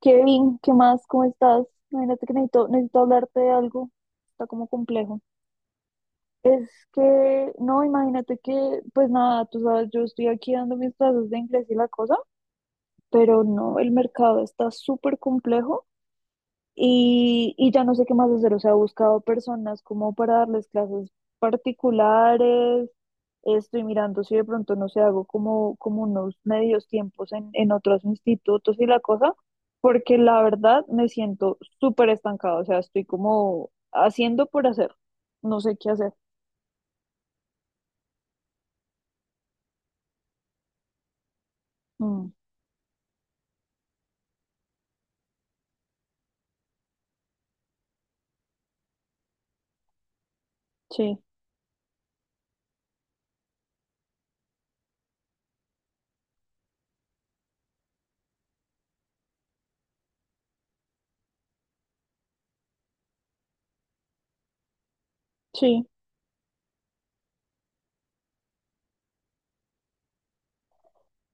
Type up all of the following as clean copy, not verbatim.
Kevin, ¿qué más? ¿Cómo estás? Imagínate que necesito hablarte de algo. Está como complejo. Es que, no, imagínate que, pues nada, tú sabes, yo estoy aquí dando mis clases de inglés y la cosa, pero no, el mercado está súper complejo y, ya no sé qué más hacer, o sea, he buscado personas como para darles clases particulares, estoy mirando si de pronto no sé, hago como, como unos medios tiempos en otros institutos y la cosa, porque la verdad me siento súper estancada, o sea, estoy como haciendo por hacer, no sé qué hacer. Mm, sí, sí.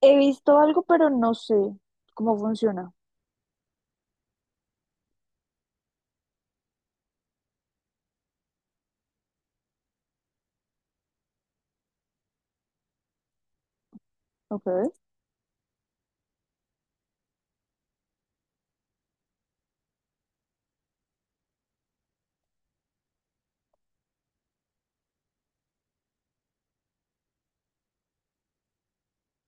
He visto algo, pero no sé cómo funciona. Ok.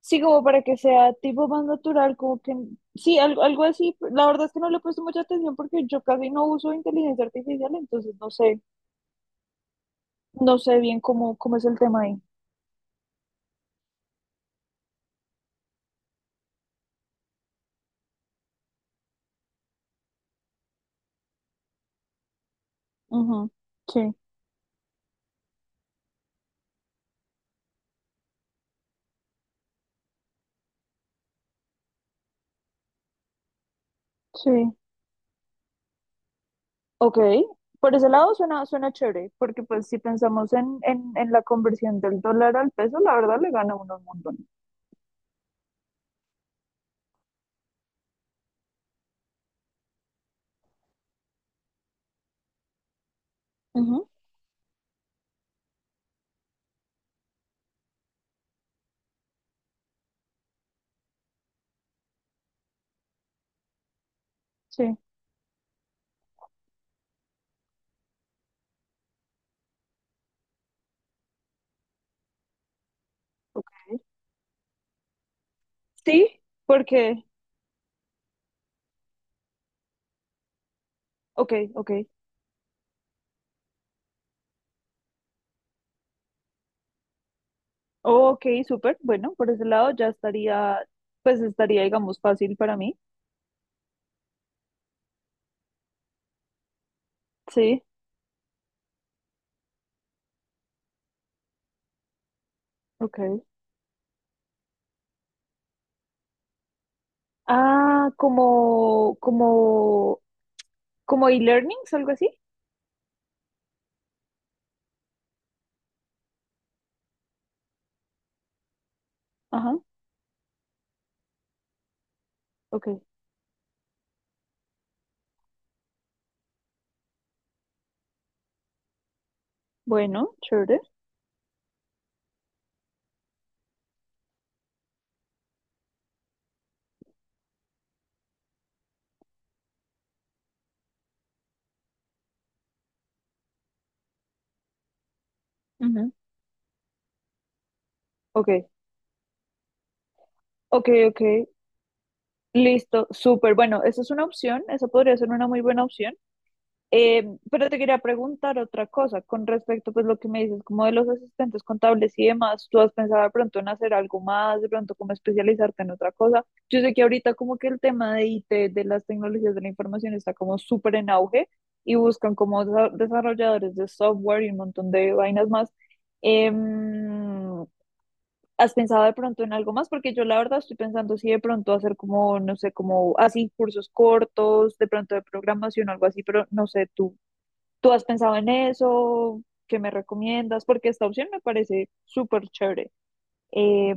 Sí, como para que sea tipo más natural, como que sí, algo, algo así. La verdad es que no le he puesto mucha atención porque yo casi no uso inteligencia artificial, entonces no sé, no sé bien cómo, cómo es el tema ahí. Ujú, sí, sí. Ok. Por ese lado suena, suena chévere, porque pues si pensamos en, en la conversión del dólar al peso, la verdad le gana uno un montón. Ujú, sí, ok. Sí, porque, ok, ok. Ok, súper. Bueno, por ese lado ya estaría, pues estaría, digamos, fácil para mí. Sí, ok. Ah, como, como, como e-learnings, algo así. Ajá, ok. Bueno, chévere. Ujú. Ok, ok, ok. Listo, súper. Bueno, esa es una opción, esa podría ser una muy buena opción. Eh, pero te quería preguntar otra cosa con respecto, pues lo que me dices, como de los asistentes contables y demás, ¿tú has pensado de pronto en hacer algo más, de pronto como especializarte en otra cosa? Yo sé que ahorita como que el tema de IT, de las tecnologías de la información está como súper en auge y buscan como desarrolladores de software y un montón de vainas más. Em, ¿Has pensado de pronto en algo más? Porque yo la verdad estoy pensando si de pronto hacer como, no sé, como así cursos cortos, de pronto de programación o algo así, pero no sé tú. ¿Tú has pensado en eso? ¿Qué me recomiendas? Porque esta opción me parece súper chévere. Em,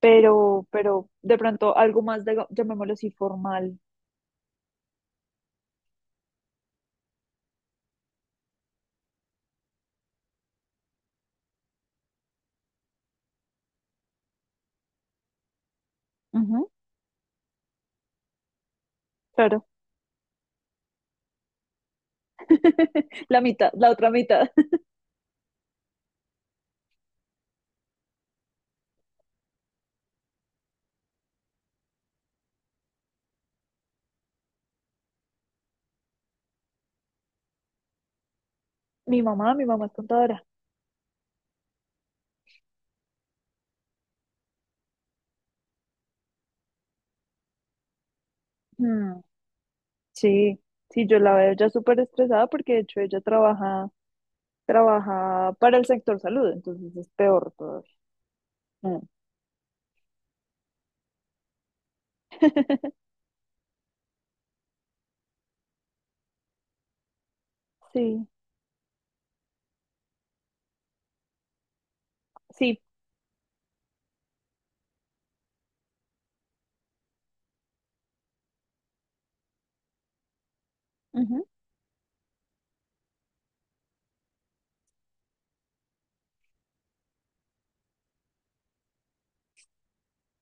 pero de pronto algo más, de, llamémoslo así, formal. Ujú, claro, la mitad, la otra mitad. Mi mamá es contadora. Mm, sí, sí, yo la veo ya súper estresada porque de hecho ella trabaja, trabaja para el sector salud, entonces es peor todavía. Mm, sí, sí.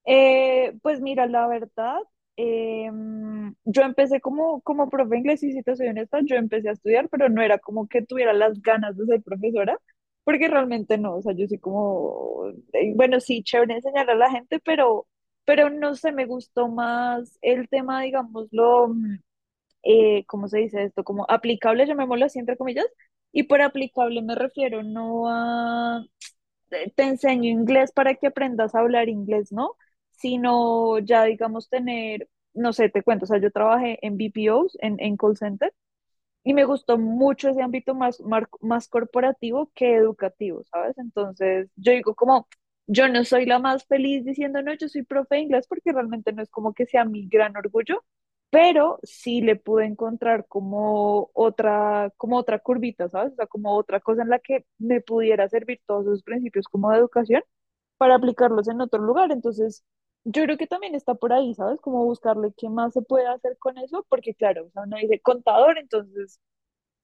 Pues mira, la verdad, eh, yo empecé como, como profe de inglés y si te soy honesta, yo empecé a estudiar, pero no era como que tuviera las ganas de ser profesora, porque realmente no, o sea, yo soy como, bueno, sí, chévere enseñar a la gente, pero no sé, me gustó más el tema, digámoslo, ¿cómo se dice esto? Como aplicable, llamémoslo así, entre comillas, y por aplicable me refiero no a te enseño inglés para que aprendas a hablar inglés, ¿no? Sino ya, digamos, tener, no sé, te cuento, o sea, yo trabajé en BPOs, en call centers y me gustó mucho ese ámbito más, más corporativo que educativo, ¿sabes? Entonces, yo digo como, yo no soy la más feliz diciendo, no, yo soy profe de inglés porque realmente no es como que sea mi gran orgullo, pero sí le pude encontrar como otra curvita, ¿sabes? O sea, como otra cosa en la que me pudiera servir todos esos principios como de educación para aplicarlos en otro lugar. Entonces, yo creo que también está por ahí, ¿sabes? Como buscarle qué más se puede hacer con eso, porque claro, o sea, uno dice contador, entonces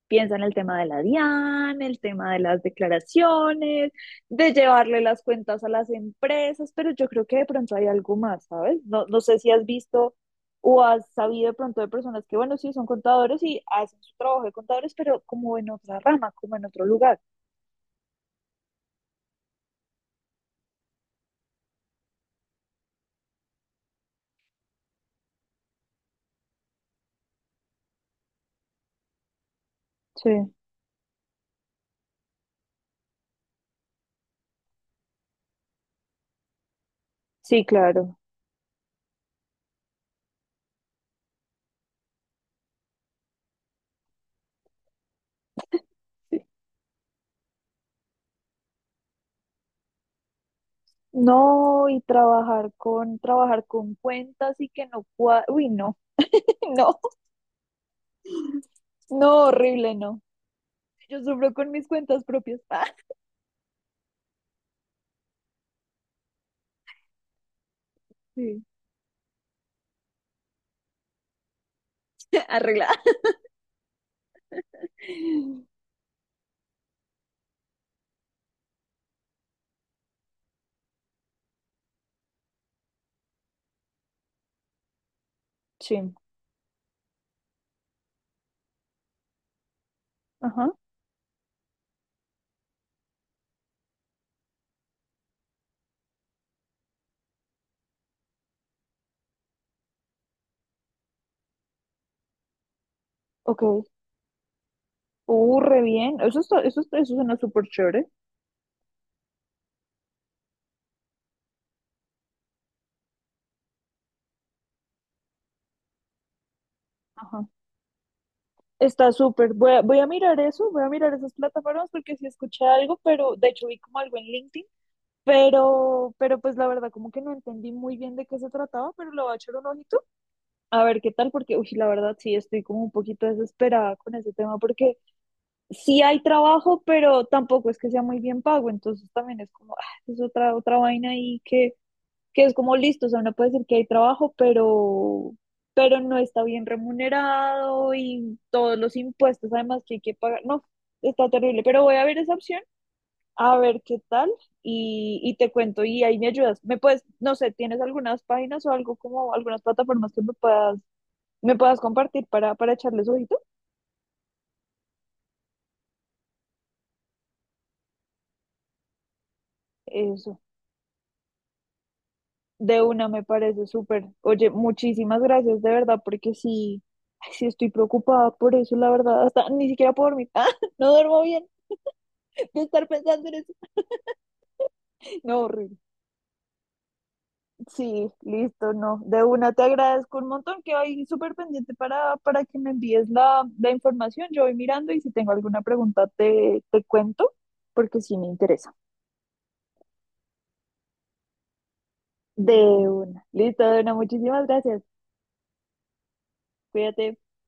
piensa en el tema de la DIAN, el tema de las declaraciones, de llevarle las cuentas a las empresas, pero yo creo que de pronto hay algo más, ¿sabes? No, no sé si has visto o has sabido de pronto de personas que, bueno, sí, son contadores y hacen su trabajo de contadores, pero como en otra rama, como en otro lugar. Sí, sí, claro. Sí. No, y trabajar con cuentas y que no uy, no, no, no, horrible, no. Yo sufro con mis cuentas propias. Sí. Arreglada. Sí, ajá, ok. Re bien. Eso está, eso suena súper chévere. Ajá. Está súper. Voy a mirar eso, voy a mirar esas plataformas porque sí escuché algo, pero de hecho vi como algo en LinkedIn, pero pues la verdad como que no entendí muy bien de qué se trataba, pero le voy a echar un ojito a ver qué tal, porque uy, la verdad sí estoy como un poquito desesperada con ese tema porque sí hay trabajo, pero tampoco es que sea muy bien pago, entonces también es como, ah, es otra, otra vaina ahí que es como listo, o sea, uno puede decir que hay trabajo, pero no está bien remunerado y todos los impuestos además que hay que pagar, no, está terrible, pero voy a ver esa opción, a ver qué tal y, te cuento y ahí me ayudas, me puedes, no sé, tienes algunas páginas o algo como algunas plataformas que me puedas compartir para echarles ojito, eso. De una me parece súper. Oye, muchísimas gracias de verdad, porque sí, ay, sí estoy preocupada por eso, la verdad, hasta ni siquiera puedo dormir. Ah, no duermo bien de estar pensando en eso. No, horrible. Sí, listo, no. De una te agradezco un montón, que hoy súper pendiente para que me envíes la, la información. Yo voy mirando y si tengo alguna pregunta te, te cuento, porque sí me interesa. De una. Listo, de una, muchísimas gracias. Cuídate.